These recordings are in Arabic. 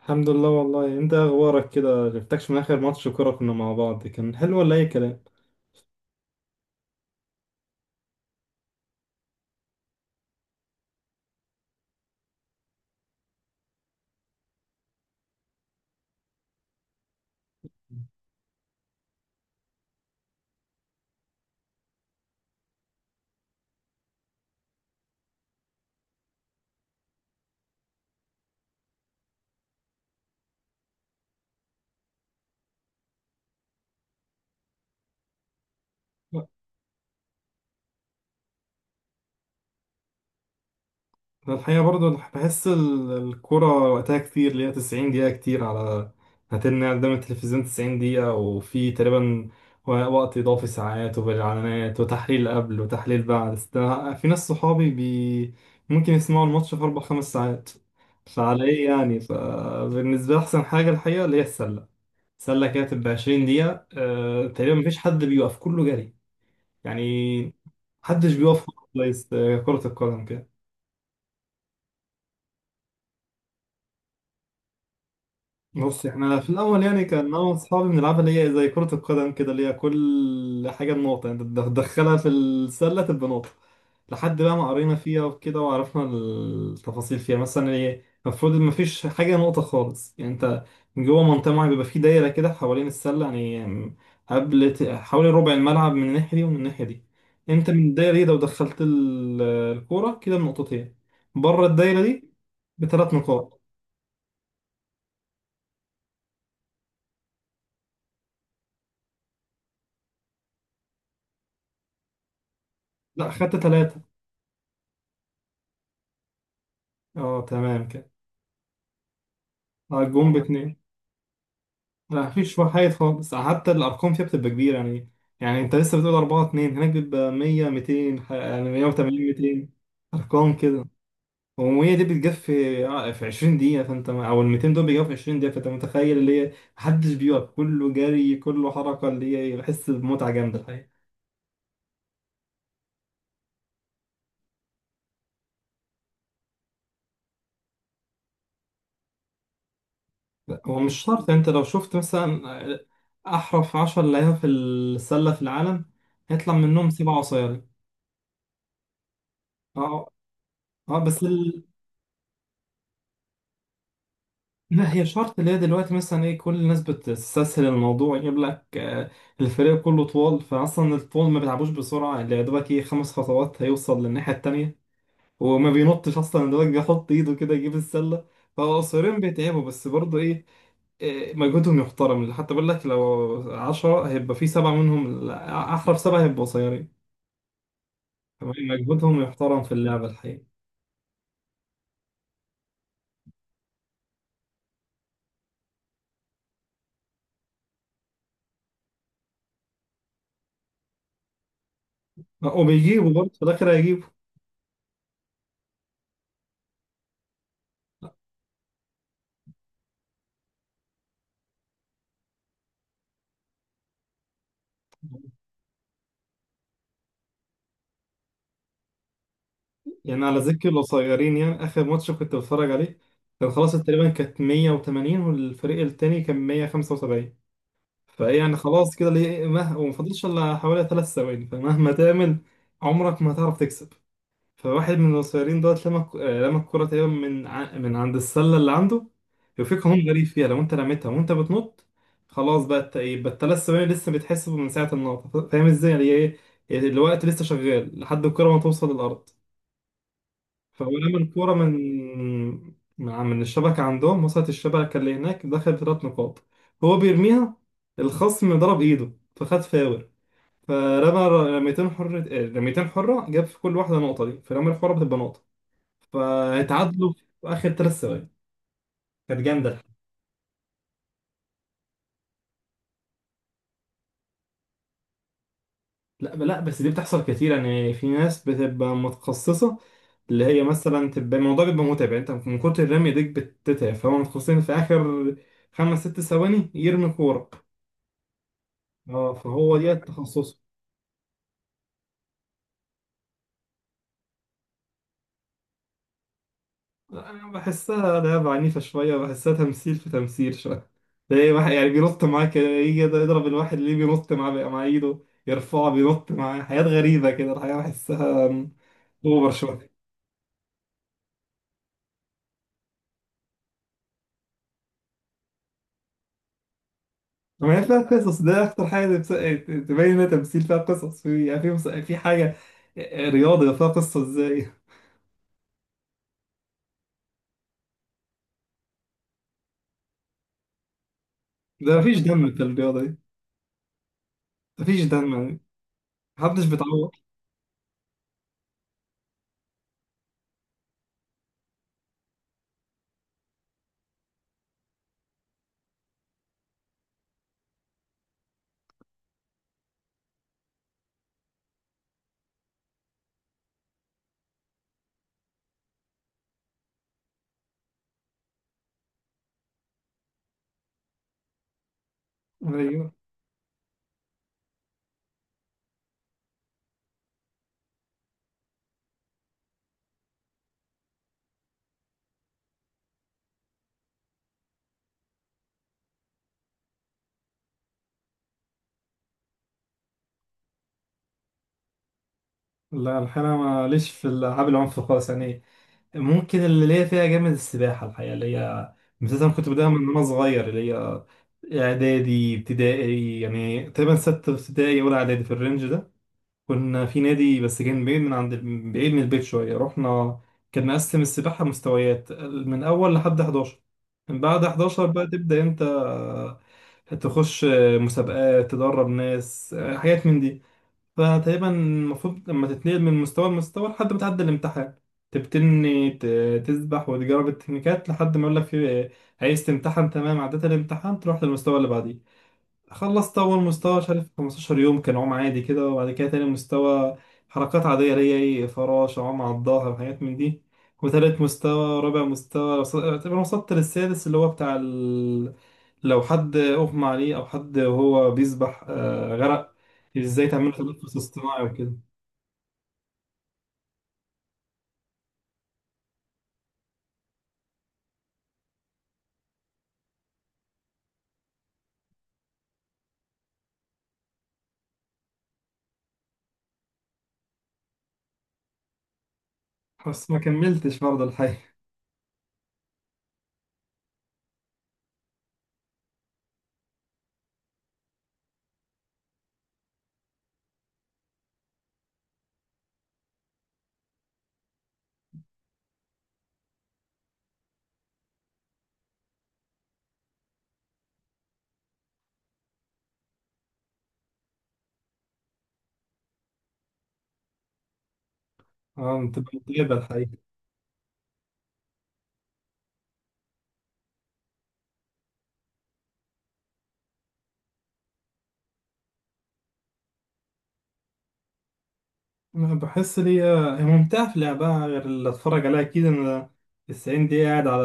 الحمد لله. والله انت اخبارك كده، جبتكش من اخر ماتش كوره كنا مع بعض، كان حلو ولا اي كلام؟ لا، الحقيقه برضو بحس الكوره وقتها كتير، اللي هي 90 دقيقه كتير على هتلنا قدام التلفزيون. 90 دقيقه وفي تقريبا وقت اضافي ساعات، وبالاعلانات وتحليل قبل وتحليل بعد في ناس صحابي بي ممكن يسمعوا الماتش في اربع خمس ساعات. فعلى ايه يعني؟ فبالنسبه لي احسن حاجه الحقيقه اللي هي السله. سله كده تبقى 20 دقيقه، تقريبا مفيش حد بيوقف، كله جري يعني، محدش بيوقف، كويس. كره القدم كده. بص، احنا في الاول يعني كان انا واصحابي بنلعبها اللي هي زي كرة القدم كده، اللي هي كل حاجة بنقطة، يعني تدخلها في السلة تبقى نقطة. لحد بقى ما قرينا فيها وكده وعرفنا التفاصيل فيها، مثلا ايه المفروض ما فيش حاجة نقطة خالص. يعني انت من جوه منطقة معينة بيبقى في دايرة كده حوالين السلة يعني، قبل حوالي ربع الملعب، من الناحية دي ومن الناحية دي. انت من الدايرة دي لو دخلت الكورة كده بنقطتين. بره الدايرة دي بثلاث نقاط. لا، خدت ثلاثة. اه تمام كده. اه، الجون باتنين. لا، مفيش وحايد خالص، حتى الارقام فيها بتبقى كبيره يعني انت لسه بتقول 4-2 هناك، بيبقى 100 200، يعني 180 200 ارقام كده. و100 دي بتجف في في 20 دقيقه، فانت، او ال 200 دول بيجوا في 20 دقيقه، فانت متخيل اللي هي محدش بيقف، كله جري كله حركه، اللي هي بحس بمتعه جامده الحقيقه. لا، هو مش شرط. انت لو شفت مثلا آه، احرف 10 لعيبه في السله في العالم، هيطلع منهم سبعه قصيرين. اه اه، بس لا، هي شرط. اللي هي دلوقتي مثلا ايه، كل الناس بتستسهل الموضوع، يجيب لك الفريق كله طوال، فاصلا الطول ما بيلعبوش بسرعه، اللي يا دوبك ايه خمس خطوات هيوصل للناحيه التانيه، وما بينطش اصلا، يا دوبك بيحط ايده كده يجيب السله. فقصيرين بيتعبوا، بس برضه ايه، مجهودهم يحترم. حتى بقول لك لو عشرة هيبقى في سبعة منهم، لا، أحرف سبعة هيبقوا قصيرين. فمجهودهم يحترم في اللعبة الحقيقة، وبيجيبوا برضه في الآخر هيجيبوا. يعني على ذكر القصيرين، يعني اخر ماتش كنت بتفرج عليه، كان خلاص تقريبا كانت 180 والفريق التاني كان 175. فايه يعني خلاص كده، ليه وما فاضلش الا حوالي ثلاث ثواني، فمهما تعمل عمرك ما هتعرف تكسب. فواحد من القصيرين دوت، لما ك- آه، لما الكرة تقريبا من من عند السلة اللي عنده، يوفيك هون غريب فيها، لو انت رميتها وانت بتنط، خلاص بقى الت- إيه، بقى الثلاث ثواني لسه بيتحسبوا من ساعة النقطة، فاهم ازاي يعني ايه، الوقت لسه شغال لحد الكرة ما توصل للأرض. فلما الكورة من الشبكة عندهم وصلت الشبكة اللي هناك، دخل بثلاث نقاط. هو بيرميها، الخصم ضرب إيده، فخد فاول، فرمى رميتين حرة، جاب في كل واحدة نقطة، دي فرمى الحرة بتبقى نقطة. فاتعادلوا في آخر ثلاث ثواني، كانت جامدة. لا لا، بس دي بتحصل كتير. يعني في ناس بتبقى متخصصة، اللي هي مثلا تبقى الموضوع بيبقى متعب يعني، انت من كتر الرمي ديك بتتعب، فهم متخصصين في آخر خمس ست ثواني يرمي كورة. اه، فهو دي تخصصه. أنا بحسها لعبة عنيفة شوية، بحسها تمثيل في تمثيل شوية. تلاقي واحد يعني بينط معاه كده، يجي يضرب الواحد اللي بينط معاه بقى مع ايده، يرفعه بينط معاه، حاجات غريبة كده الحقيقة، بحسها اوفر شوية. ما هي فيها قصص، ده أكتر حاجة تبين إنها تمثيل، فيها قصص، في يعني في في حاجة، رياضة فيها قصة إزاي؟ ده مفيش دم في الرياضة دي، مفيش دم يعني، محدش بيتعور. أيوه. لا، الحقيقة أنا ماليش في الألعاب العنف خالص يعني. ممكن اللي ليا فيها جامد السباحة الحقيقة، اللي هي مثلا كنت بداها من وأنا صغير، اللي هي إعدادي ابتدائي يعني، تقريبا ستة ابتدائي ولا إعدادي في الرينج ده. كنا في نادي بس كان بعيد من البيت شوية. رحنا، كان مقسم السباحة مستويات من أول لحد 11. من بعد 11 بقى تبدأ أنت تخش مسابقات، تدرب ناس، حاجات من دي. فتقريبا المفروض لما تتنقل من مستوى لمستوى لحد ما تعدي الامتحان، تبتني تسبح وتجرب التكنيكات لحد ما يقول لك عايز تمتحن. تمام، عديت الامتحان تروح للمستوى اللي بعديه. خلصت أول مستوى مش عارف 15 يوم، كان عوم عادي كده. وبعد كده تاني مستوى حركات عادية، اللي هي إيه، فراشة، عوم على الظهر وحاجات من دي. وتالت مستوى رابع مستوى، اعتبر وصلت للسادس، اللي هو بتاع لو حد أغمى عليه أو حد وهو بيسبح غرق، إزاي تعمله تنفس اصطناعي وكده. بس ما كملتش برضه الحقيقة. اه، انت بتتابع الحقيقة. أنا بحس لي هي ممتعة في لعبها غير اللي أتفرج عليها، أكيد. أنا التسعين دقيقة قاعد على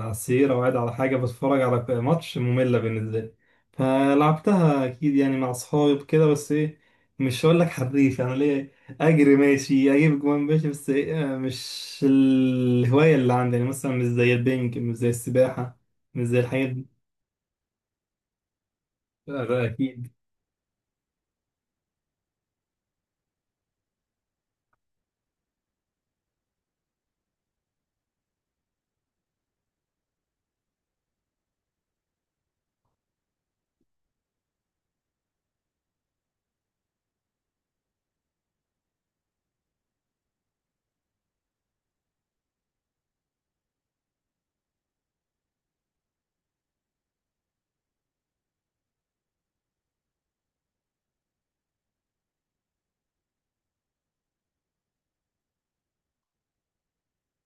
السرير أو قاعد على حاجة بتفرج على ماتش، مملة بالنسبة لي. فلعبتها أكيد يعني مع أصحابي وكده، بس إيه مش هقول لك حريف يعني، ليه، أجري ماشي، أجيب جوان ماشي، بس إيه، مش الهواية اللي عندي يعني، مثلا مش زي البنج مش زي السباحة مش زي الحاجات دي. لا، ده أكيد.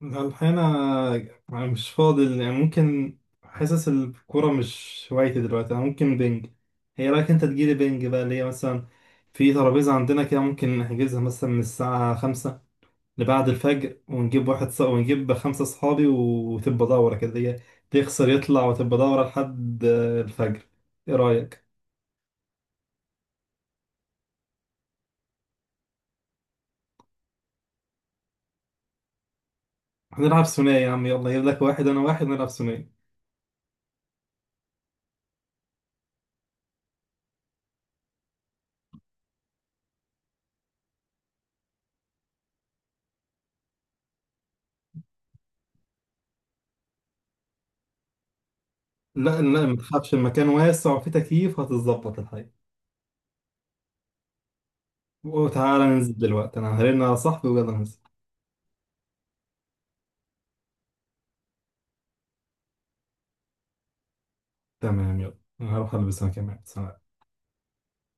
لا، الحقيقة أنا مش فاضي يعني، ممكن، حاسس الكورة مش هوايتي دلوقتي، أنا ممكن بينج. هي، رأيك أنت تجيلي بينج بقى، اللي هي مثلا في ترابيزة عندنا كده ممكن نحجزها مثلا من الساعة خمسة لبعد الفجر، ونجيب خمسة صحابي، وتبقى دورة كده، اللي هي تخسر يطلع، وتبقى دورة لحد الفجر. إيه رأيك؟ هنلعب ثنائي يا عم، يلا أجيب لك واحد أنا واحد، نلعب ثنائي. لا لا، ما تخافش، المكان واسع وفيه تكييف، هتتظبط. وتعالى ننزل دلوقتي، انا هرن على صاحبي ويلا ننزل. تمام، يلا أنا هروح البس انا كمان، سلام.